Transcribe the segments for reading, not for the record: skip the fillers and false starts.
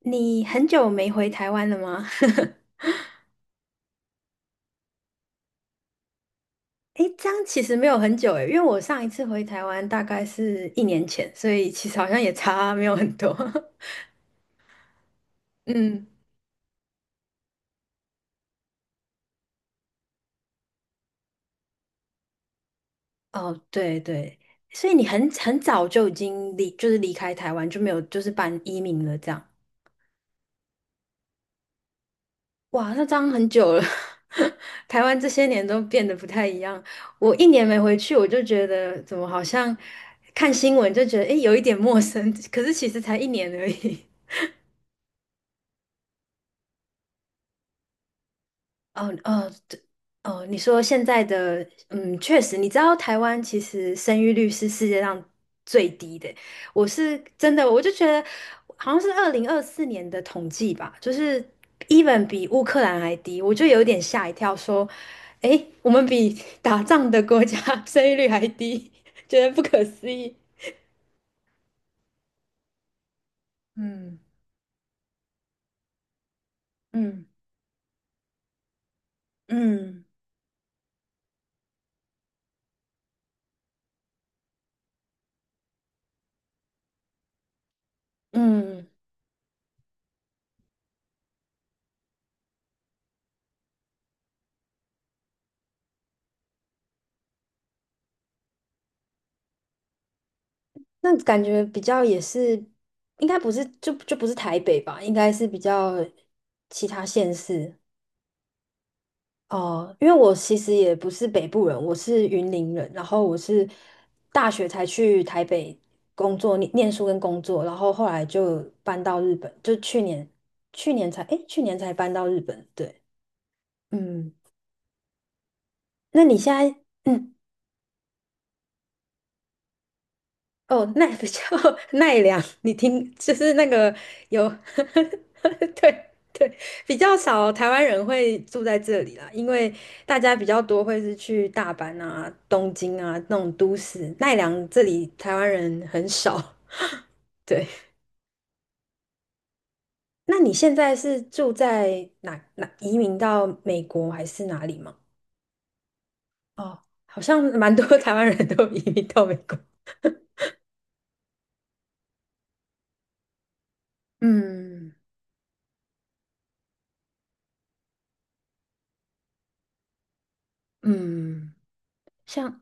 你很久没回台湾了吗？诶，这样其实没有很久诶，因为我上一次回台湾大概是一年前，所以其实好像也差没有很多。嗯。哦，对，对。所以你很早就已经就是离开台湾，就没有就是办移民了这样。哇，那这样很久了。台湾这些年都变得不太一样。我一年没回去，我就觉得怎么好像看新闻就觉得诶有一点陌生，可是其实才一年而已。哦，哦，对。哦，你说现在的。嗯，确实。你知道台湾其实生育率是世界上最低的。我是真的，我就觉得好像是2024年的统计吧，就是 even 比乌克兰还低，我就有点吓一跳，说，诶，我们比 打仗的国家 生育率还低，觉得不可思议。嗯，嗯，嗯，嗯。那感觉比较也是，应该不是就不是台北吧，应该是比较其他县市。哦。因为我其实也不是北部人，我是云林人，然后我是大学才去台北工作，念书跟工作，然后后来就搬到日本，就去年才搬到日本。对。嗯。那你现在 哦，奈比较 奈良，你听，就是那个有。对。对。比较少台湾人会住在这里啦，因为大家比较多会是去大阪啊、东京啊那种都市，奈良这里台湾人很少。对。那你现在是住在哪移民到美国还是哪里吗？哦，好像蛮多 台湾人都移民到美国。嗯，嗯。像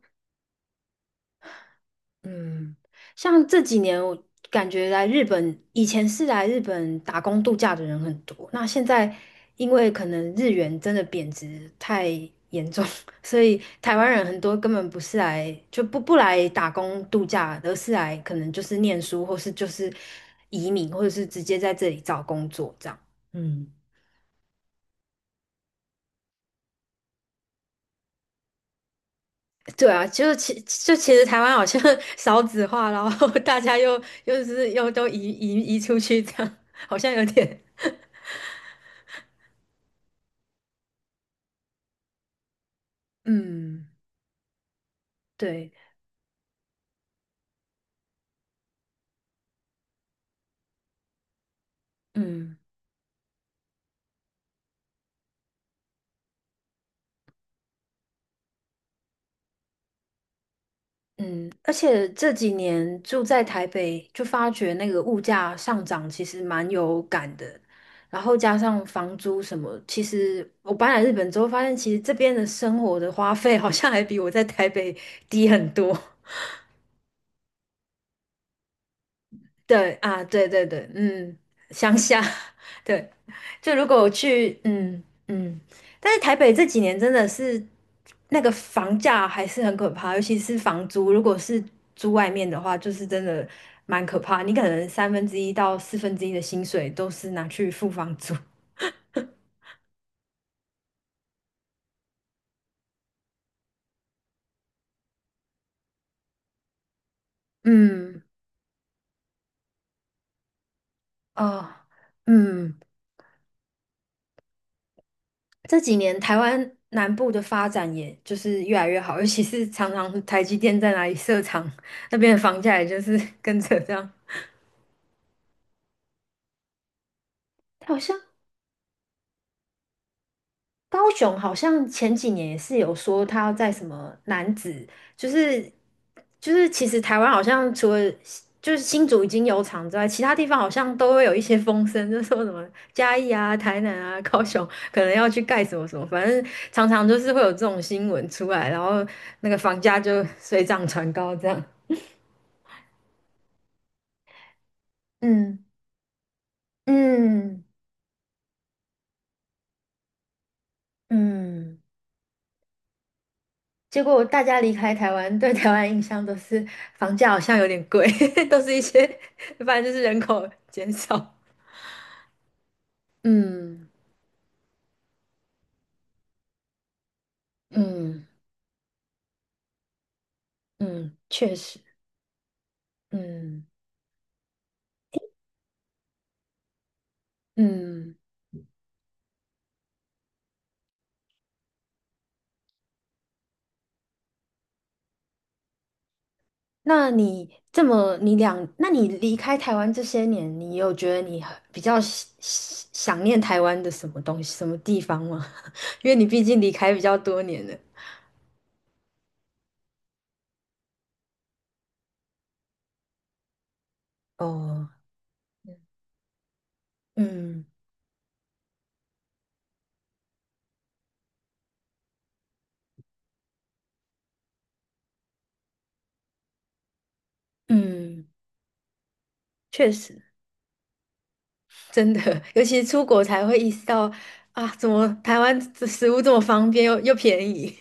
嗯，像这几年我感觉来日本，以前是来日本打工度假的人很多，那现在因为可能日元真的贬值太严重，所以台湾人很多根本不是来就不来打工度假，而是来可能就是念书，或是就是移民，或者是直接在这里找工作这样。嗯。对啊，就其就其实台湾好像 少子化，然后大家又都移出去这样，好像有点。嗯，对，嗯，嗯。而且这几年住在台北，就发觉那个物价上涨其实蛮有感的，然后加上房租什么，其实我搬来日本之后发现，其实这边的生活的花费好像还比我在台北低很多。对啊，对，对，对。嗯。乡下。对。就如果我去。嗯，嗯。但是台北这几年真的是那个房价还是很可怕，尤其是房租，如果是租外面的话，就是真的蛮可怕。你可能三分之一到四分之一的薪水都是拿去付房租。嗯。哦。嗯。这几年台湾南部的发展也就是越来越好，尤其是常常台积电在哪里设厂，那边的房价也就是跟着这样。好像。高雄好像前几年也是有说他要在什么男子，就是就是其实台湾好像除了就是新竹已经有厂之外，其他地方好像都会有一些风声，就说什么嘉义啊、台南啊、高雄可能要去盖什么什么，反正常常就是会有这种新闻出来，然后那个房价就水涨船高这样。嗯，嗯，嗯。结果大家离开台湾，对台湾印象都是房价好像有点贵，都是一些，反正就是人口减少。嗯，嗯，嗯，确实，嗯，嗯。那你这么你两，那你离开台湾这些年，你有觉得你很比较想念台湾的什么东西、什么地方吗？因为你毕竟离开比较多年了。哦。嗯，嗯，确实。真的，尤其是出国才会意识到啊，怎么台湾这食物这么方便又便宜。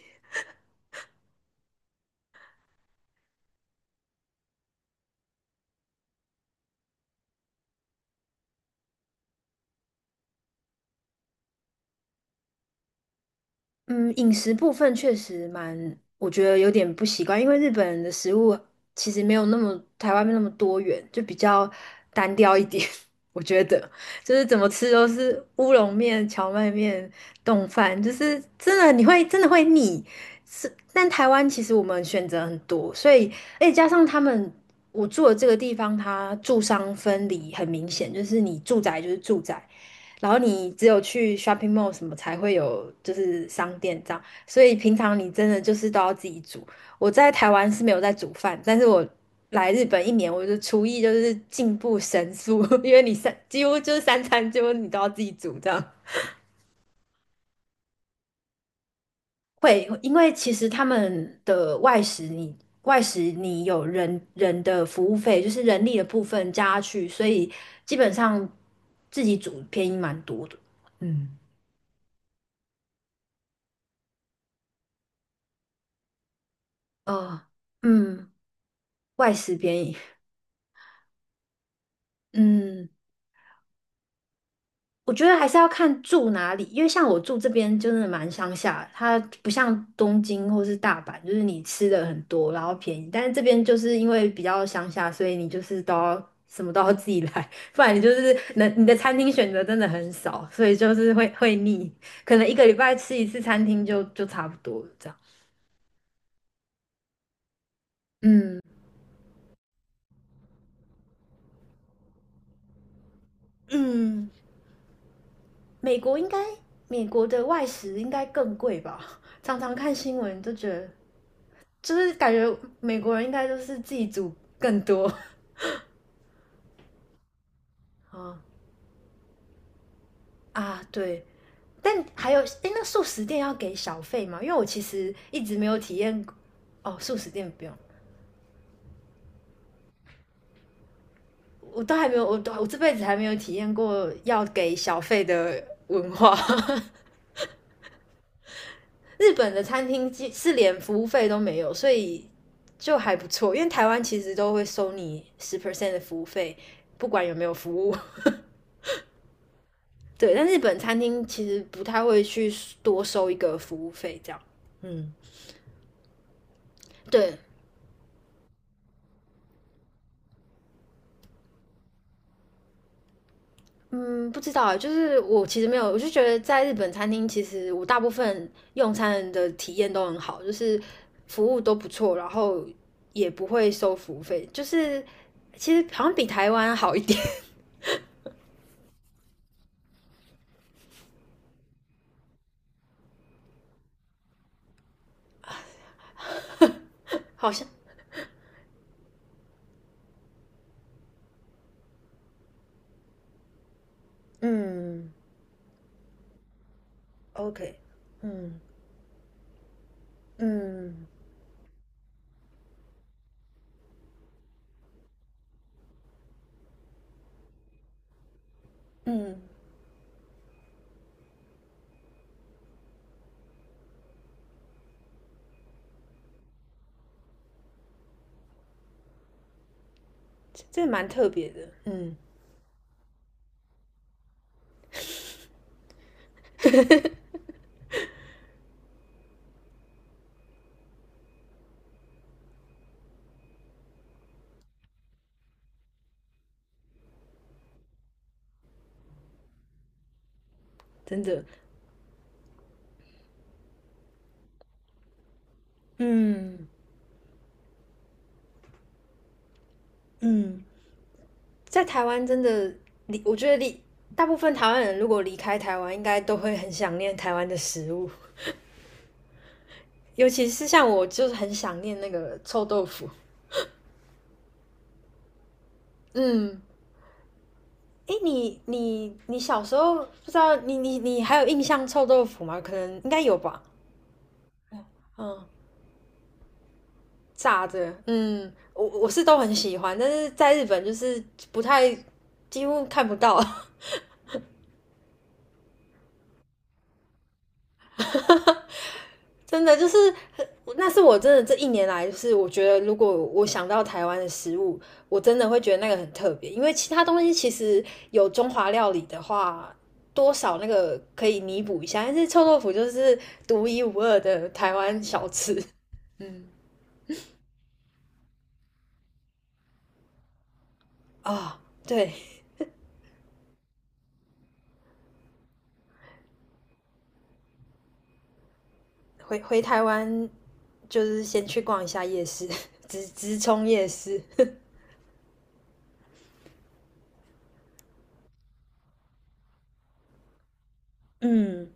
嗯，饮食部分确实蛮，我觉得有点不习惯，因为日本人的食物其实没有那么台湾那么多元，就比较单调一点。我觉得就是怎么吃都是乌龙面、荞麦面、冻饭，就是真的你会真的会腻。是，但台湾其实我们选择很多，所以而且加上他们我住的这个地方，它住商分离很明显，就是你住宅就是住宅。然后你只有去 shopping mall 什么才会有就是商店这样，所以平常你真的就是都要自己煮。我在台湾是没有在煮饭，但是我来日本一年，我的厨艺就是进步神速。因为你几乎就是三餐几乎你都要自己煮这样。会，因为其实他们的外食你，外食你有人的服务费，就是人力的部分加去，所以基本上自己煮便宜蛮多的。嗯。哦。嗯。外食便宜。嗯，我觉得还是要看住哪里，因为像我住这边就是蛮乡下，它不像东京或是大阪，就是你吃的很多，然后便宜，但是这边就是因为比较乡下，所以你就是都要什么都要自己来，不然你就是能你的餐厅选择真的很少，所以就是会腻，可能一个礼拜吃一次餐厅就差不多了这样。嗯，嗯。美国应该美国的外食应该更贵吧？常常看新闻都觉得。就是感觉美国人应该都是自己煮更多。啊，啊，对。但还有，哎，那素食店要给小费吗？因为我其实一直没有体验。哦，素食店不用。我都还没有，我这辈子还没有体验过要给小费的文化。日本的餐厅是连服务费都没有，所以就还不错。因为台湾其实都会收你10% percent 的服务费，不管有没有服务。对，但日本餐厅其实不太会去多收一个服务费这样。嗯，对，嗯，不知道啊，就是我其实没有，我就觉得在日本餐厅，其实我大部分用餐的体验都很好，就是服务都不错，然后也不会收服务费，就是其实好像比台湾好一点。好像。嗯，OK，嗯，嗯，嗯。这蛮特别的。嗯，真的。嗯，嗯。在台湾真的我觉得离大部分台湾人如果离开台湾，应该都会很想念台湾的食物，尤其是像我，就是很想念那个臭豆腐。嗯。诶，你你小时候不知道你你还有印象臭豆腐吗？可能应该有吧。嗯。炸的。嗯，我是都很喜欢，但是在日本就是不太几乎看不到。真的就是，那是我真的这一年来，就是我觉得，如果我想到台湾的食物，我真的会觉得那个很特别，因为其他东西其实有中华料理的话，多少那个可以弥补一下，但是臭豆腐就是独一无二的台湾小吃。嗯，啊，哦，对。回台湾就是先去逛一下夜市。直冲夜市。嗯。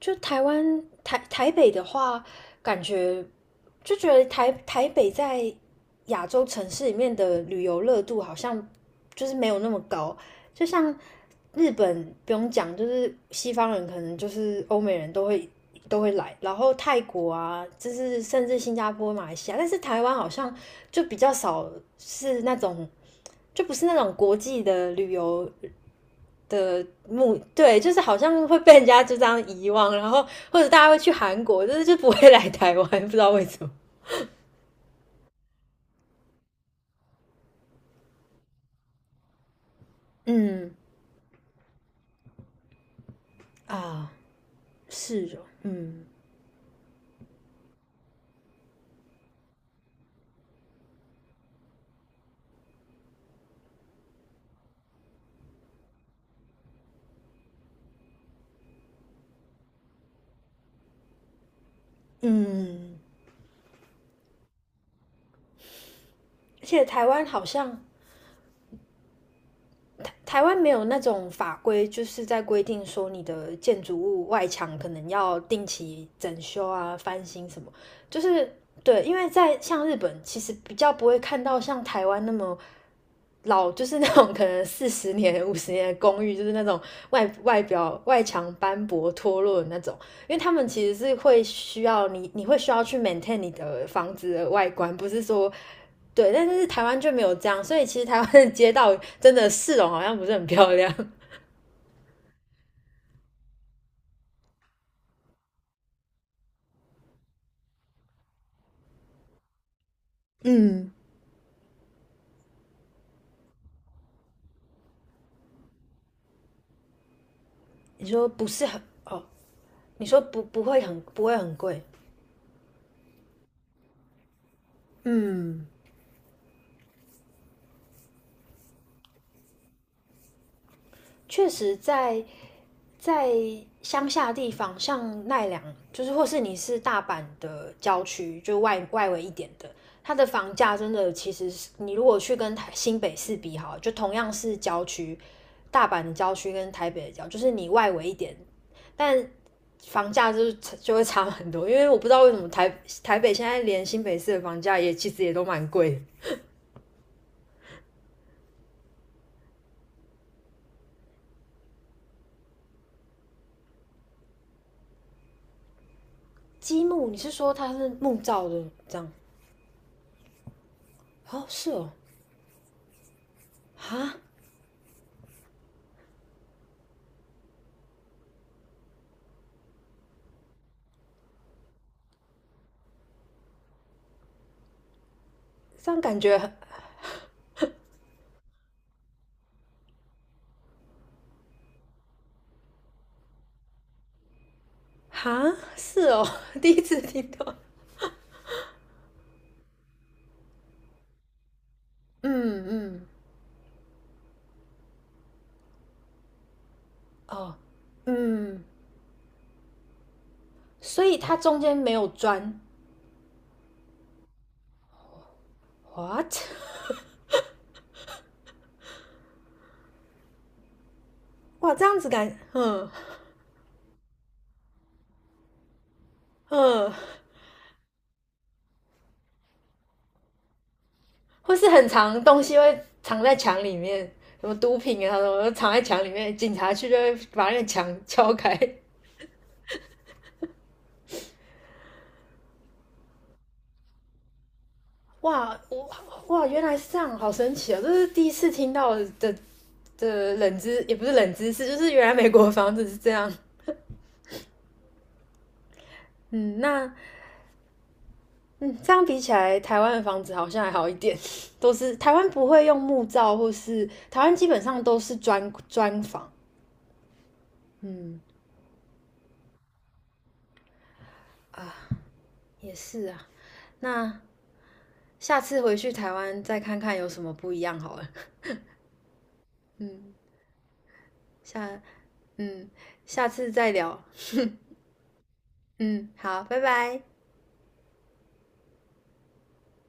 就台湾台台北的话，感觉就觉得台北在亚洲城市里面的旅游热度好像就是没有那么高，就像日本不用讲，就是西方人可能就是欧美人都会来，然后泰国啊，就是甚至新加坡、马来西亚，但是台湾好像就比较少是那种，就不是那种国际的旅游的目，对，就是好像会被人家就这样遗忘，然后或者大家会去韩国，就是就不会来台湾，不知道为什么。嗯，啊，是哦，嗯，嗯。而且台湾好像台湾没有那种法规，就是在规定说你的建筑物外墙可能要定期整修啊、翻新什么，就是对，因为在像日本，其实比较不会看到像台湾那么老，就是那种可能40年、50年的公寓，就是那种外墙斑驳脱落的那种，因为他们其实是会需要你，你会需要去 maintain 你的房子的外观，不是说对，但是台湾就没有这样，所以其实台湾的街道真的市容好像不是很漂亮。嗯。你说不是很哦？你说不会很不会很贵？嗯，确实在在乡下地方，像奈良，就是或是你是大阪的郊区，就外围一点的，它的房价真的其实你如果去跟台新北市比好就同样是郊区，大阪的郊区跟台北的郊，就是你外围一点，但房价就是就会差很多，因为我不知道为什么台北现在连新北市的房价也其实也都蛮贵的。积木，你是说它是木造的这样？哦，是哦。啊。这样感觉很。哈，是哦。第一次听到。嗯，嗯，哦。嗯，所以它中间没有砖。What？哇，这样子感。嗯，嗯。或是很长东西会藏在墙里面，什么毒品啊，什么藏在墙里面，警察去就会把那个墙敲开。哇，我。哇，原来是这样，好神奇啊、哦！这是第一次听到的冷知，也不是冷知识，就是原来美国的房子是这样。嗯。那。嗯，这样比起来，台湾的房子好像还好一点。都是台湾不会用木造，或是台湾基本上都是砖房。嗯。也是啊。那下次回去台湾再看看有什么不一样好了。嗯。下嗯下次再聊。嗯，好，拜拜。